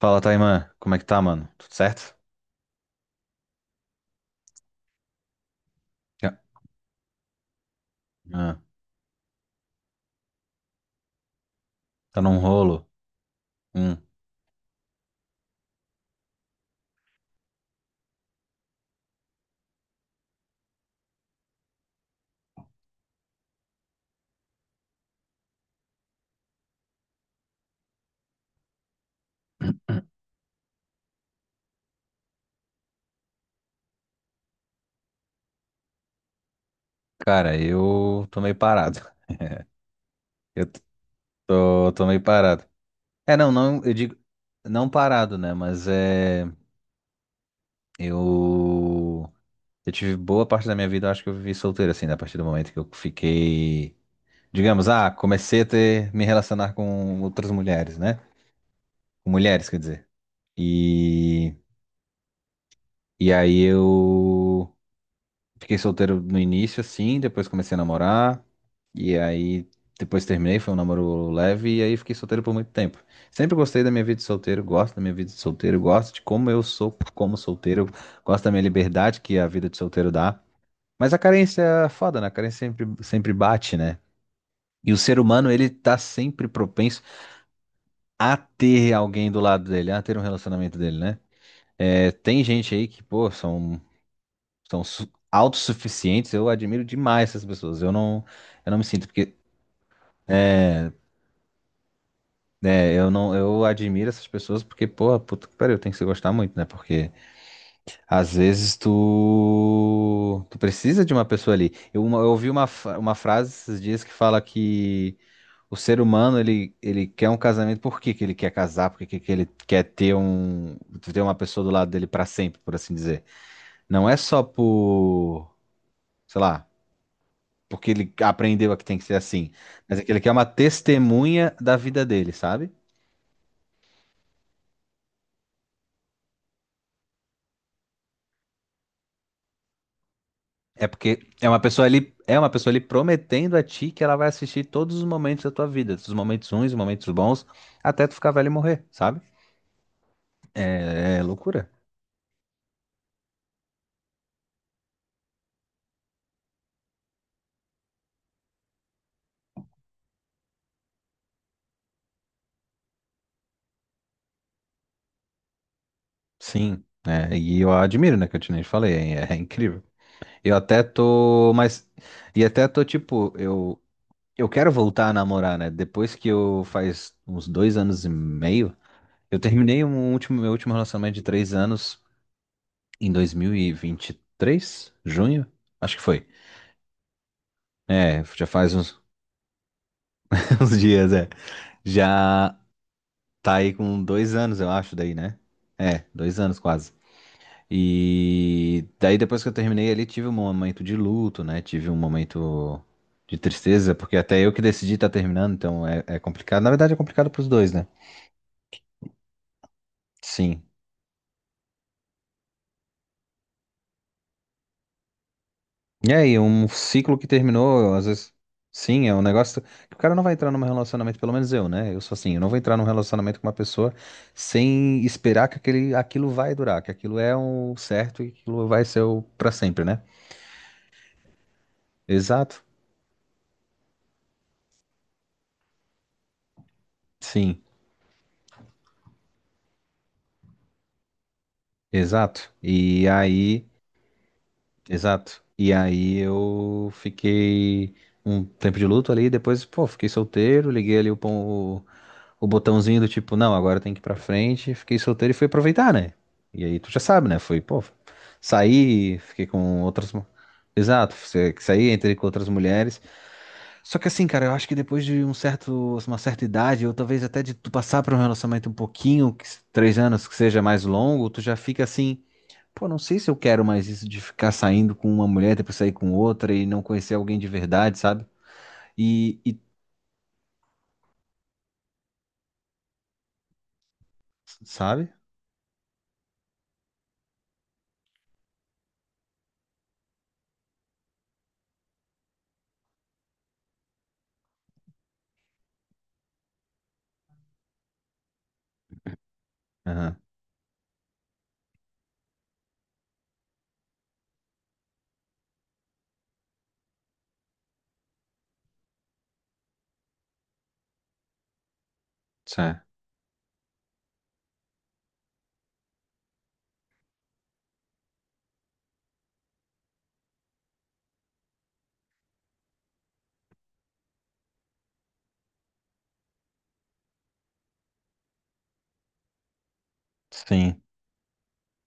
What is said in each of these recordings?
Fala, Taimã. Como é que tá, mano? Tudo certo? Já. Ah, tá num rolo? Hum. Cara, eu tô meio parado. Eu tô meio parado. É, não, não, eu digo, não parado, né? Mas é, eu, eu tive boa parte da minha vida, eu acho que eu vivi solteiro, assim, né? A partir do momento que eu fiquei, digamos, comecei a ter, me relacionar com outras mulheres, né? Com mulheres, quer dizer. E, e aí eu fiquei solteiro no início, assim, depois comecei a namorar, e aí depois terminei, foi um namoro leve, e aí fiquei solteiro por muito tempo. Sempre gostei da minha vida de solteiro, gosto da minha vida de solteiro, gosto de como eu sou como solteiro, gosto da minha liberdade que a vida de solteiro dá. Mas a carência é foda, né? A carência sempre, sempre bate, né? E o ser humano, ele tá sempre propenso a ter alguém do lado dele, a ter um relacionamento dele, né? É, tem gente aí que, pô, são autossuficientes, eu admiro demais essas pessoas. Eu não me sinto porque é, eu não, eu admiro essas pessoas porque, porra, puta que pariu, tem que se gostar muito, né? Porque às vezes tu precisa de uma pessoa ali. Eu ouvi uma frase esses dias que fala que o ser humano ele quer um casamento, por que que ele quer casar? Por que que ele quer ter uma pessoa do lado dele pra sempre, por assim dizer. Não é só por, sei lá, porque ele aprendeu a que tem que ser assim. Mas aquele que é uma testemunha da vida dele, sabe? É porque é uma pessoa ali, é uma pessoa ali prometendo a ti que ela vai assistir todos os momentos da tua vida, os momentos ruins, os momentos bons, até tu ficar velho e morrer, sabe? É, é loucura. Sim, é, e eu admiro, né, que eu te nem falei, é incrível. Eu até tô, mas e até tô tipo, eu quero voltar a namorar, né? Depois que eu faz uns dois anos e meio, eu terminei um último meu último relacionamento de três anos em 2023, junho, acho que foi. É, já faz uns, uns dias, é. Já tá aí com dois anos, eu acho, daí, né? É, dois anos quase. E daí depois que eu terminei ali, tive um momento de luto, né? Tive um momento de tristeza, porque até eu que decidi estar terminando, então é complicado. Na verdade, é complicado pros dois, né? Sim. É, e aí, um ciclo que terminou, às vezes, sim, é um negócio que o cara não vai entrar num relacionamento, pelo menos eu, né? Eu sou assim, eu não vou entrar num relacionamento com uma pessoa sem esperar que aquilo vai durar, que aquilo é o certo e aquilo vai ser o pra sempre, né? Exato, sim, exato. E aí, exato. E aí eu fiquei um tempo de luto ali, depois, pô, fiquei solteiro, liguei ali o pão, o botãozinho do tipo, não, agora tem que ir pra frente, fiquei solteiro e fui aproveitar, né? E aí tu já sabe, né? Foi, pô, saí, fiquei com outras. Exato, saí, entrei com outras mulheres. Só que assim, cara, eu acho que depois de uma certa idade, ou talvez até de tu passar por um relacionamento um pouquinho, que se- três anos que seja mais longo, tu já fica assim, pô, não sei se eu quero mais isso de ficar saindo com uma mulher, depois sair com outra e não conhecer alguém de verdade, sabe? E sabe? Aham, Sim.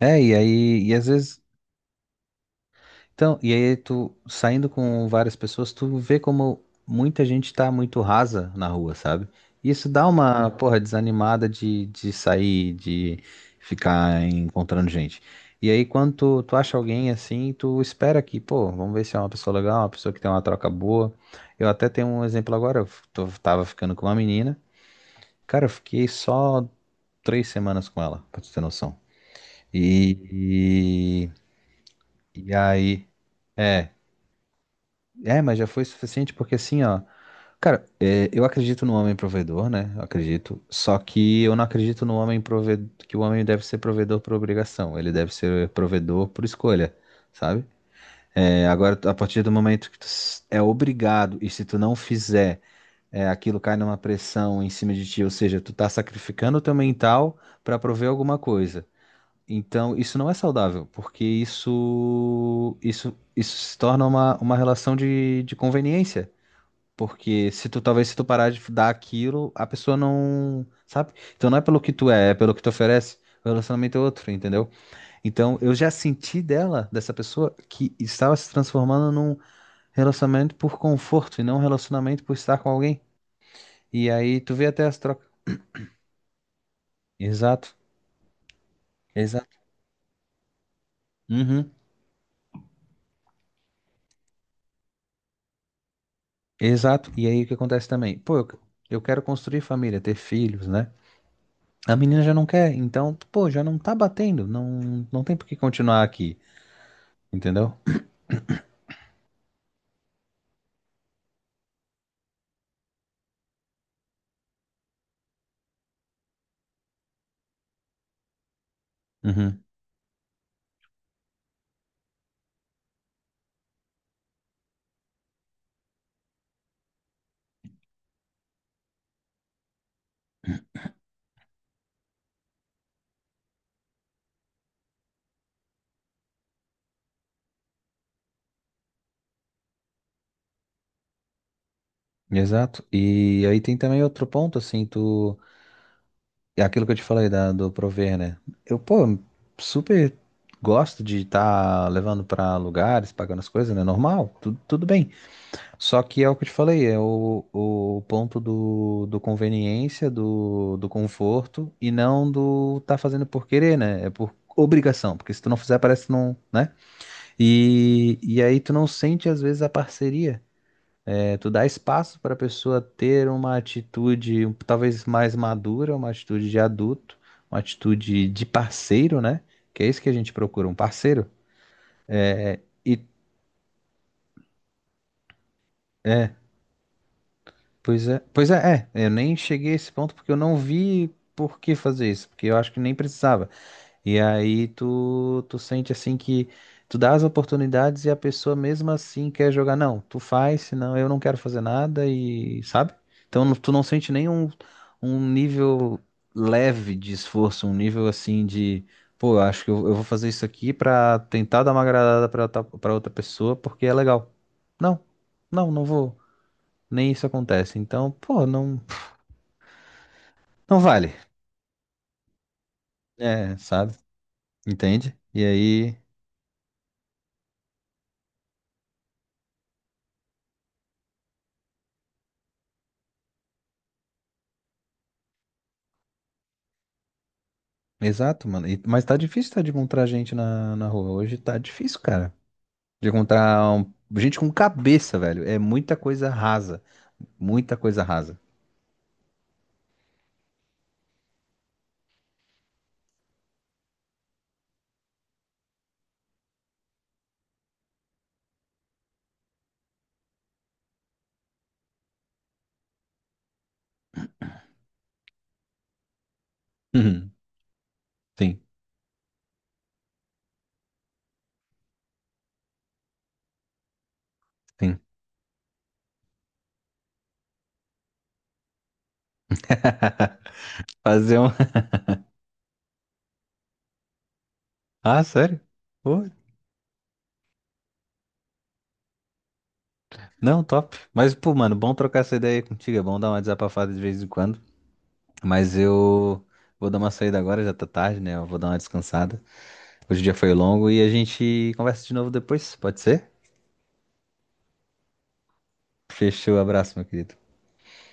É, e aí, e às vezes, então, e aí tu saindo com várias pessoas, tu vê como muita gente tá muito rasa na rua, sabe? E isso dá uma, porra, desanimada de, sair, de ficar encontrando gente. E aí, quando tu acha alguém assim, tu espera que, pô, vamos ver se é uma pessoa legal, uma pessoa que tem uma troca boa. Eu até tenho um exemplo agora, eu tava ficando com uma menina, cara, eu fiquei só três semanas com ela, pra tu ter noção. E, e aí. É, mas já foi suficiente porque assim, ó. Cara, é, eu acredito no homem provedor, né? Eu acredito. Só que eu não acredito no homem provedor, que o homem deve ser provedor por obrigação. Ele deve ser provedor por escolha, sabe? É, agora, a partir do momento que é obrigado e se tu não fizer, é, aquilo cai numa pressão em cima de ti, ou seja, tu tá sacrificando o teu mental pra prover alguma coisa. Então, isso não é saudável, porque isso se torna uma relação de conveniência. Porque se tu, talvez se tu parar de dar aquilo, a pessoa não, sabe? Então não é pelo que tu é, é pelo que tu oferece. O relacionamento é outro, entendeu? Então eu já senti dela, dessa pessoa, que estava se transformando num relacionamento por conforto e não um relacionamento por estar com alguém. E aí tu vê até as trocas. Exato, exato. Uhum, exato. E aí o que acontece também? Pô, eu quero construir família, ter filhos, né? A menina já não quer, então, pô, já não tá batendo, não, não tem por que continuar aqui, entendeu? Uhum. Exato. E aí tem também outro ponto, assim, tu. É aquilo que eu te falei do prover, né? Eu, pô, super gosto de estar levando pra lugares, pagando as coisas, né? Normal, tudo, tudo bem. Só que é o que eu te falei, é o ponto do, do, conveniência, do conforto, e não do tá fazendo por querer, né? É por obrigação, porque se tu não fizer, parece que não, né? E aí tu não sente, às vezes, a parceria. É, tu dá espaço para a pessoa ter uma atitude talvez mais madura, uma atitude de adulto, uma atitude de parceiro, né? Que é isso que a gente procura, um parceiro. É, E é, pois é, pois é, eu nem cheguei a esse ponto porque eu não vi por que fazer isso, porque eu acho que nem precisava. E aí tu, tu sente assim que tu dá as oportunidades e a pessoa mesmo assim quer jogar. Não, tu faz, senão eu não quero fazer nada e sabe? Então tu não sente nenhum um nível leve de esforço, um nível assim de, pô, eu acho que eu vou fazer isso aqui pra tentar dar uma agradada pra outra pessoa porque é legal. Não, não, não vou. Nem isso acontece. Então, pô, não, não vale. É, sabe? Entende? E aí. Exato, mano. Mas tá difícil tá, de encontrar gente na rua. Hoje tá difícil, cara. De encontrar gente com cabeça, velho. É muita coisa rasa. Muita coisa rasa. Uhum. Sim, sim. Fazer um. Ah, sério? Pô, não, top. Mas, pô, mano, bom trocar essa ideia aí contigo. É bom dar uma desabafada de vez em quando. Mas eu vou dar uma saída agora, já tá tarde, né? Eu vou dar uma descansada. Hoje o dia foi longo e a gente conversa de novo depois, pode ser? Fechou, abraço, meu querido.